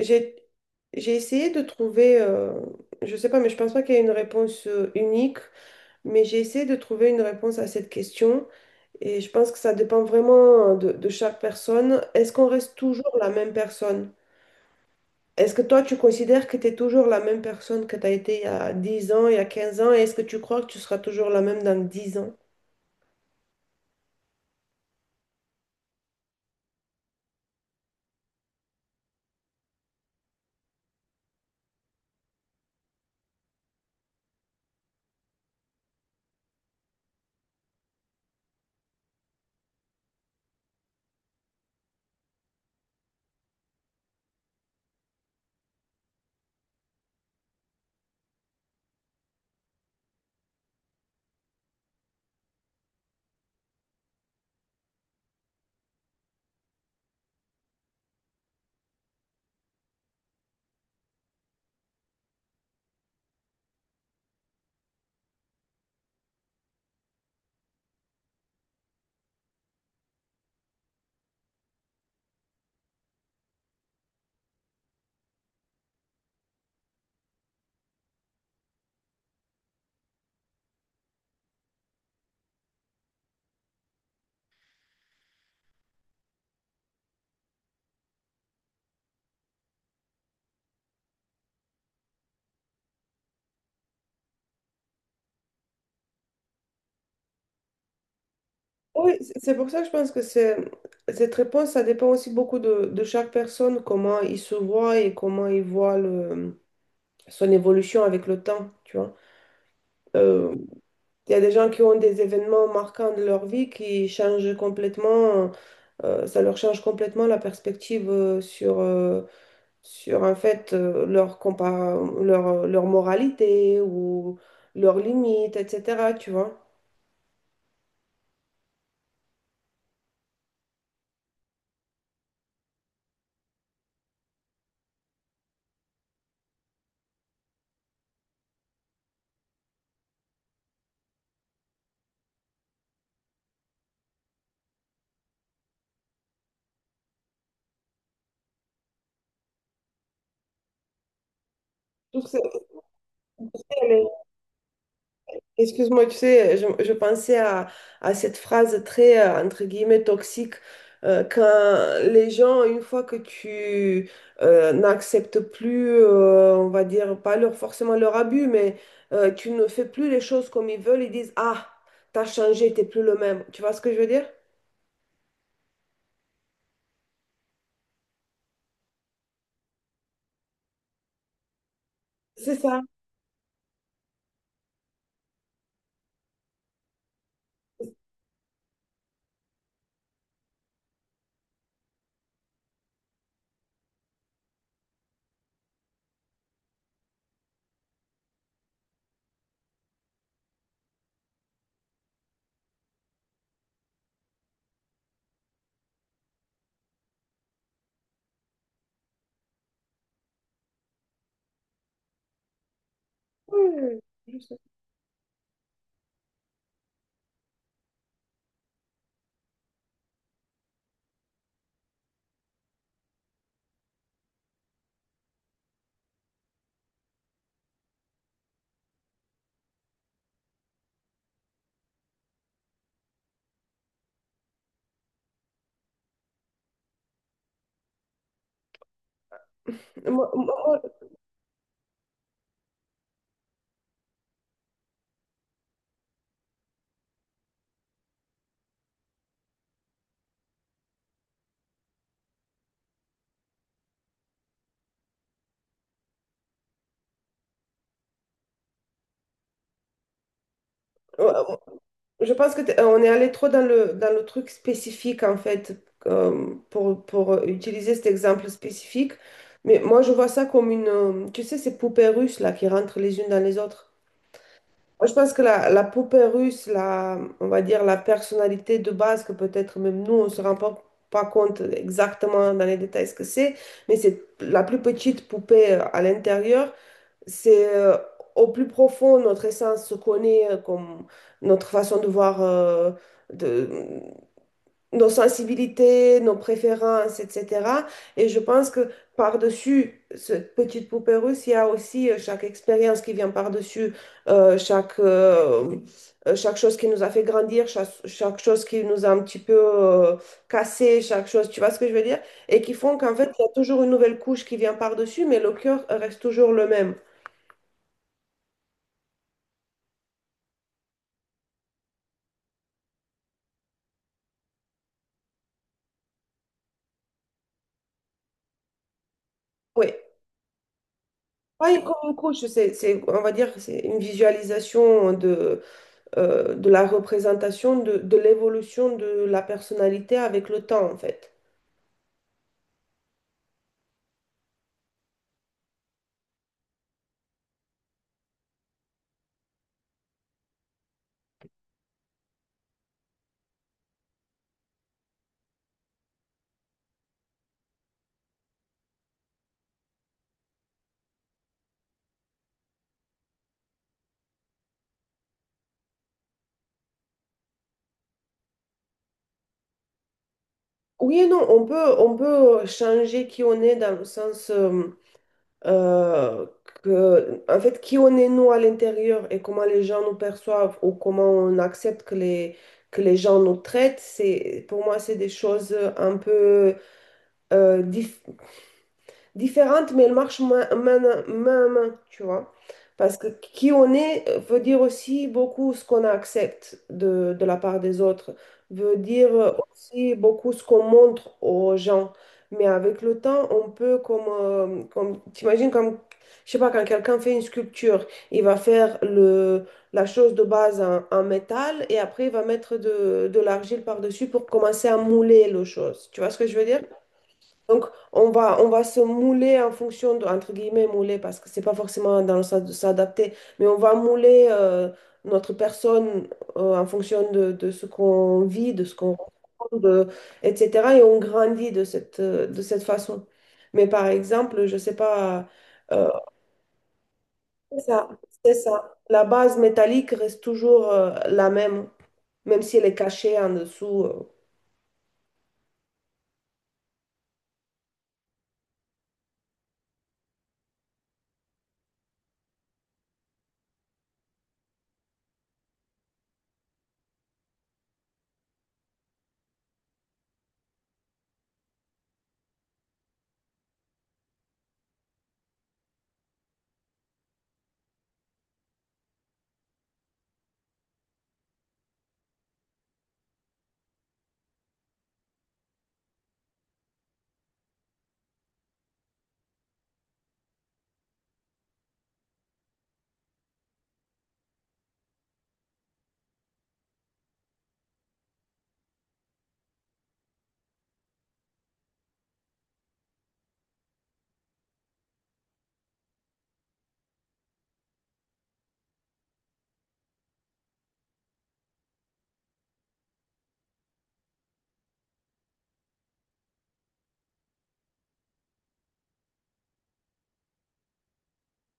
J'ai j'ai essayé de trouver, je sais pas, mais je pense pas qu'il y ait une réponse unique, mais j'ai essayé de trouver une réponse à cette question, et je pense que ça dépend vraiment de chaque personne. Est-ce qu'on reste toujours la même personne? Est-ce que toi, tu considères que tu es toujours la même personne que tu as été il y a 10 ans, il y a 15 ans, et est-ce que tu crois que tu seras toujours la même dans 10 ans? Oui, c'est pour ça que je pense que c'est, cette réponse, ça dépend aussi beaucoup de chaque personne, comment il se voit et comment il voit son évolution avec le temps, tu vois. Euh, Il y a des gens qui ont des événements marquants de leur vie qui changent complètement. Ça leur change complètement la perspective sur en fait, leur moralité ou leurs limites, etc., tu vois. Donc, c'est- Excuse-moi, tu sais, je pensais à cette phrase très, entre guillemets, toxique, quand les gens, une fois que tu n'acceptes plus, on va dire, pas leur, forcément leur abus, mais tu ne fais plus les choses comme ils veulent, ils disent, « Ah, t'as changé, t'es plus le même. » Tu vois ce que je veux dire? C'est ça. Oui, oui, oui, je sais. Moi, moi- moi- Je pense que on est allé trop dans dans le truc spécifique, en fait, pour utiliser cet exemple spécifique. Mais moi, je vois ça comme tu sais, ces poupées russes, là, qui rentrent les unes dans les autres. Moi, je pense que la poupée russe, la, on va dire la personnalité de base, que peut-être même nous, on ne se rend pas compte exactement dans les détails ce que c'est, mais c'est la plus petite poupée à l'intérieur. C'est au plus profond, notre essence se connaît, comme notre façon de voir, de, nos sensibilités, nos préférences, etc. Et je pense que par-dessus cette petite poupée russe, il y a aussi chaque expérience qui vient par-dessus, euh, chaque, euh, chaque chose qui nous a fait grandir, chaque chose qui nous a un petit peu cassé, chaque chose, tu vois ce que je veux dire? Et qui font qu'en fait, il y a toujours une nouvelle couche qui vient par-dessus, mais le cœur reste toujours le même. Oui. Oui, comme une couche, c'est, on va dire, que c'est une visualisation de la représentation de l'évolution de la personnalité avec le temps, en fait. Oui et non, on peut changer qui on est dans le sens, euh, que, en fait, qui on est nous à l'intérieur et comment les gens nous perçoivent ou comment on accepte que les gens nous traitent, c'est, pour moi, c'est des choses un peu euh, différentes différentes, mais elles marchent main à main, tu vois. Parce que qui on est veut dire aussi beaucoup ce qu'on accepte de la part des autres, veut dire aussi beaucoup ce qu'on montre aux gens. Mais avec le temps, on peut comme t'imagines comme, je sais pas, quand quelqu'un fait une sculpture, il va faire la chose de base en métal, et après il va mettre de l'argile par-dessus pour commencer à mouler le chose. Tu vois ce que je veux dire? Donc, on va se mouler en fonction de, entre guillemets, mouler, parce que c'est pas forcément dans le sens de s'adapter, mais on va mouler notre personne en fonction de ce qu'on vit, de ce qu'on rencontre, de- etc. Et on grandit de cette façon. Mais par exemple, je sais pas, euh, c'est ça, c'est ça. La base métallique reste toujours la même, même si elle est cachée en dessous.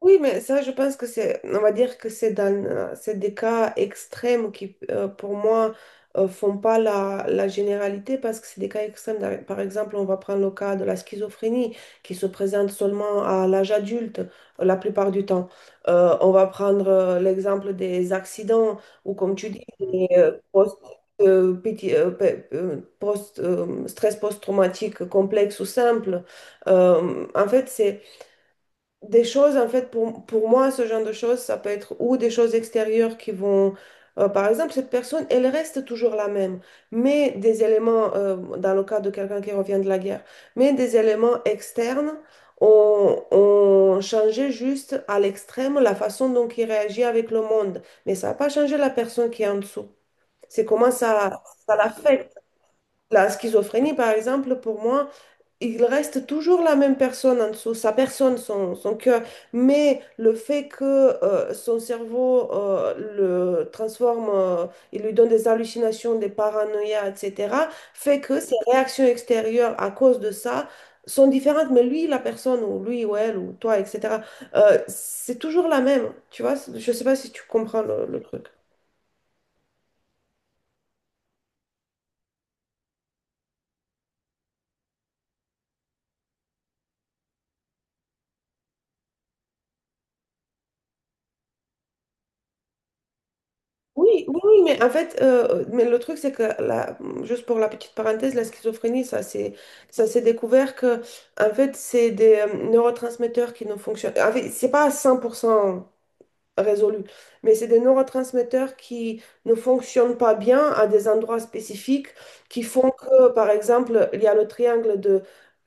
Oui, mais ça, je pense que c'est, on va dire que c'est c'est des cas extrêmes qui, pour moi, font pas la généralité parce que c'est des cas extrêmes. Par exemple, on va prendre le cas de la schizophrénie qui se présente seulement à l'âge adulte la plupart du temps. On va prendre l'exemple des accidents, ou, comme tu dis, des PT, stress post-traumatique complexe ou simple. En fait, c'est des choses, en fait, pour moi, ce genre de choses, ça peut être ou des choses extérieures qui vont... Par exemple, cette personne, elle reste toujours la même, mais des éléments, dans le cas de quelqu'un qui revient de la guerre, mais des éléments externes ont changé juste à l'extrême la façon dont il réagit avec le monde. Mais ça n'a pas changé la personne qui est en dessous. C'est comment ça, ça l'affecte. La schizophrénie, par exemple, pour moi, il reste toujours la même personne en dessous, sa personne, son cœur, mais le fait que son cerveau le transforme, il lui donne des hallucinations, des paranoïas, etc., fait que ses réactions extérieures à cause de ça sont différentes, mais lui, la personne, ou lui, ou elle, ou toi, etc., c'est toujours la même, tu vois, je sais pas si tu comprends le truc. Oui, oui, oui, mais en fait, mais le truc, c'est que, la, juste pour la petite parenthèse, la schizophrénie, ça c'est, ça s'est découvert que, en fait, c'est des neurotransmetteurs qui ne fonctionnent. En fait, c'est pas à 100% résolu. Mais c'est des neurotransmetteurs qui ne fonctionnent pas bien à des endroits spécifiques qui font que, par exemple, il y a le triangle de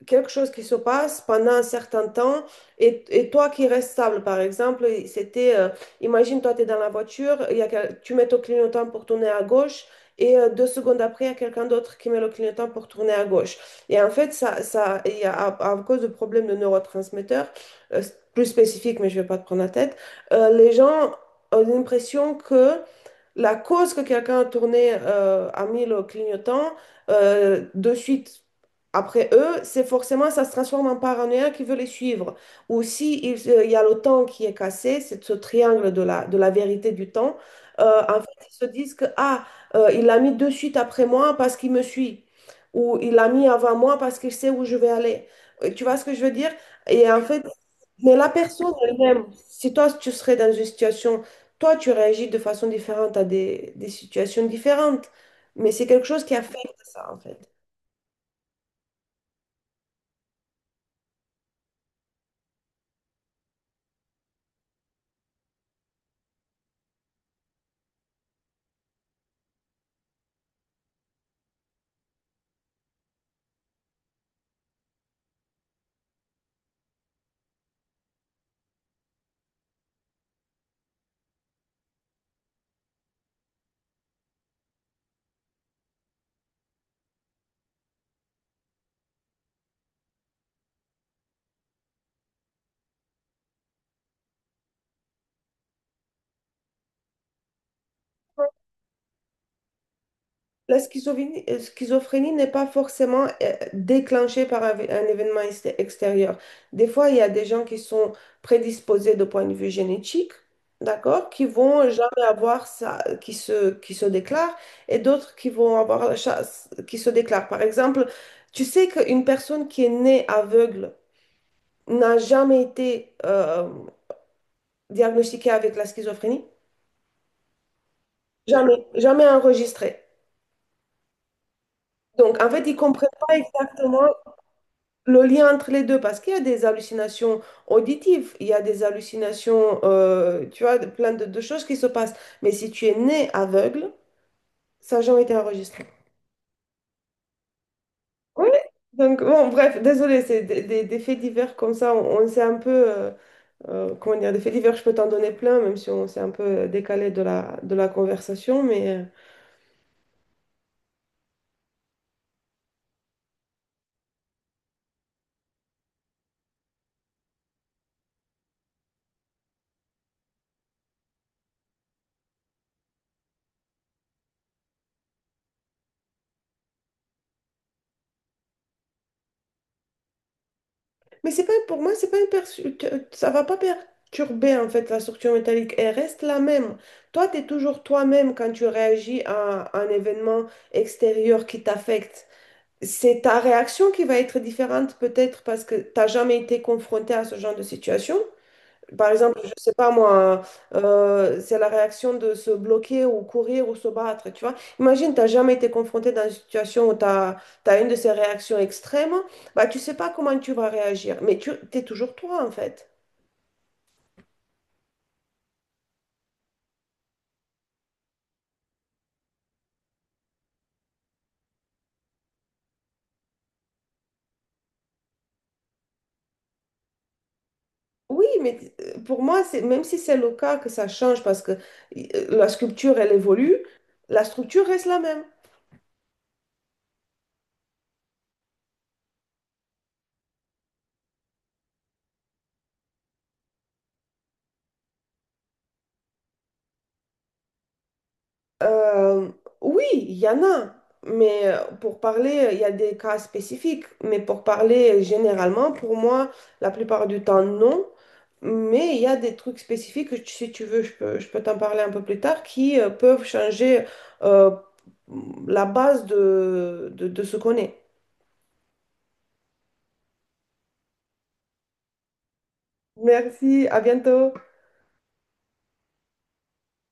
quelque chose qui se passe pendant un certain temps, et toi qui restes stable. Par exemple, c'était, imagine, toi, tu es dans la voiture, il y a, tu mets ton clignotant pour tourner à gauche. 2 secondes après, il y a quelqu'un d'autre qui met le clignotant pour tourner à gauche. Et en fait, ça, il y a, à cause de problèmes de neurotransmetteurs, euh, plus spécifiques, mais je ne vais pas te prendre la tête, les gens ont l'impression que la cause que quelqu'un a tourné, a mis le clignotant de suite après eux, c'est forcément, ça se transforme en paranoïa qui veut les suivre. Ou si il, il y a le temps qui est cassé, c'est ce triangle de de la vérité du temps, en fait, ils se disent que, ah, il l'a mis de suite après moi parce qu'il me suit. Ou il l'a mis avant moi parce qu'il sait où je vais aller. Tu vois ce que je veux dire? Et en fait, mais la personne elle-même, si toi tu serais dans une situation, toi, tu réagis de façon différente à des situations différentes, mais c'est quelque chose qui affecte ça, en fait. La schizophrénie, n'est pas forcément déclenchée par un événement extérieur. Des fois, il y a des gens qui sont prédisposés de point de vue génétique, d'accord, qui vont jamais avoir ça, qui se déclarent, et d'autres qui vont avoir la chasse, qui se déclarent. Par exemple, tu sais qu'une personne qui est née aveugle n'a jamais été diagnostiqué avec la schizophrénie. Jamais, jamais enregistré. Donc, en fait, ils ne comprennent pas exactement le lien entre les deux parce qu'il y a des hallucinations auditives, il y a des hallucinations, tu vois, plein de choses qui se passent. Mais si tu es né aveugle, ça n'a jamais été enregistré. Oui. Donc, bon, bref, désolé, c'est des faits divers comme ça. On s'est un peu, comment dire, des faits divers, je peux t'en donner plein, même si on s'est un peu décalé de de la conversation, mais. Mais c'est pas pour moi, c'est pas ça va pas perturber en fait la structure métallique. Elle reste la même. Toi, tu es toujours toi-même quand tu réagis à un événement extérieur qui t'affecte. C'est ta réaction qui va être différente peut-être parce que tu n'as jamais été confronté à ce genre de situation. Par exemple, je sais pas moi, c'est la réaction de se bloquer ou courir ou se battre, tu vois. Imagine, t'as jamais été confronté dans une situation où une de ces réactions extrêmes, bah tu sais pas comment tu vas réagir, mais tu es toujours toi en fait. Oui, mais pour moi, c'est même si c'est le cas que ça change parce que la sculpture, elle évolue, la structure reste la même. Euh, oui, il y en a, mais pour parler, il y a des cas spécifiques, mais pour parler généralement, pour moi, la plupart du temps, non. Mais il y a des trucs spécifiques, si tu veux, je peux t'en parler un peu plus tard, qui peuvent changer euh, la base de ce qu'on est. Merci, à bientôt.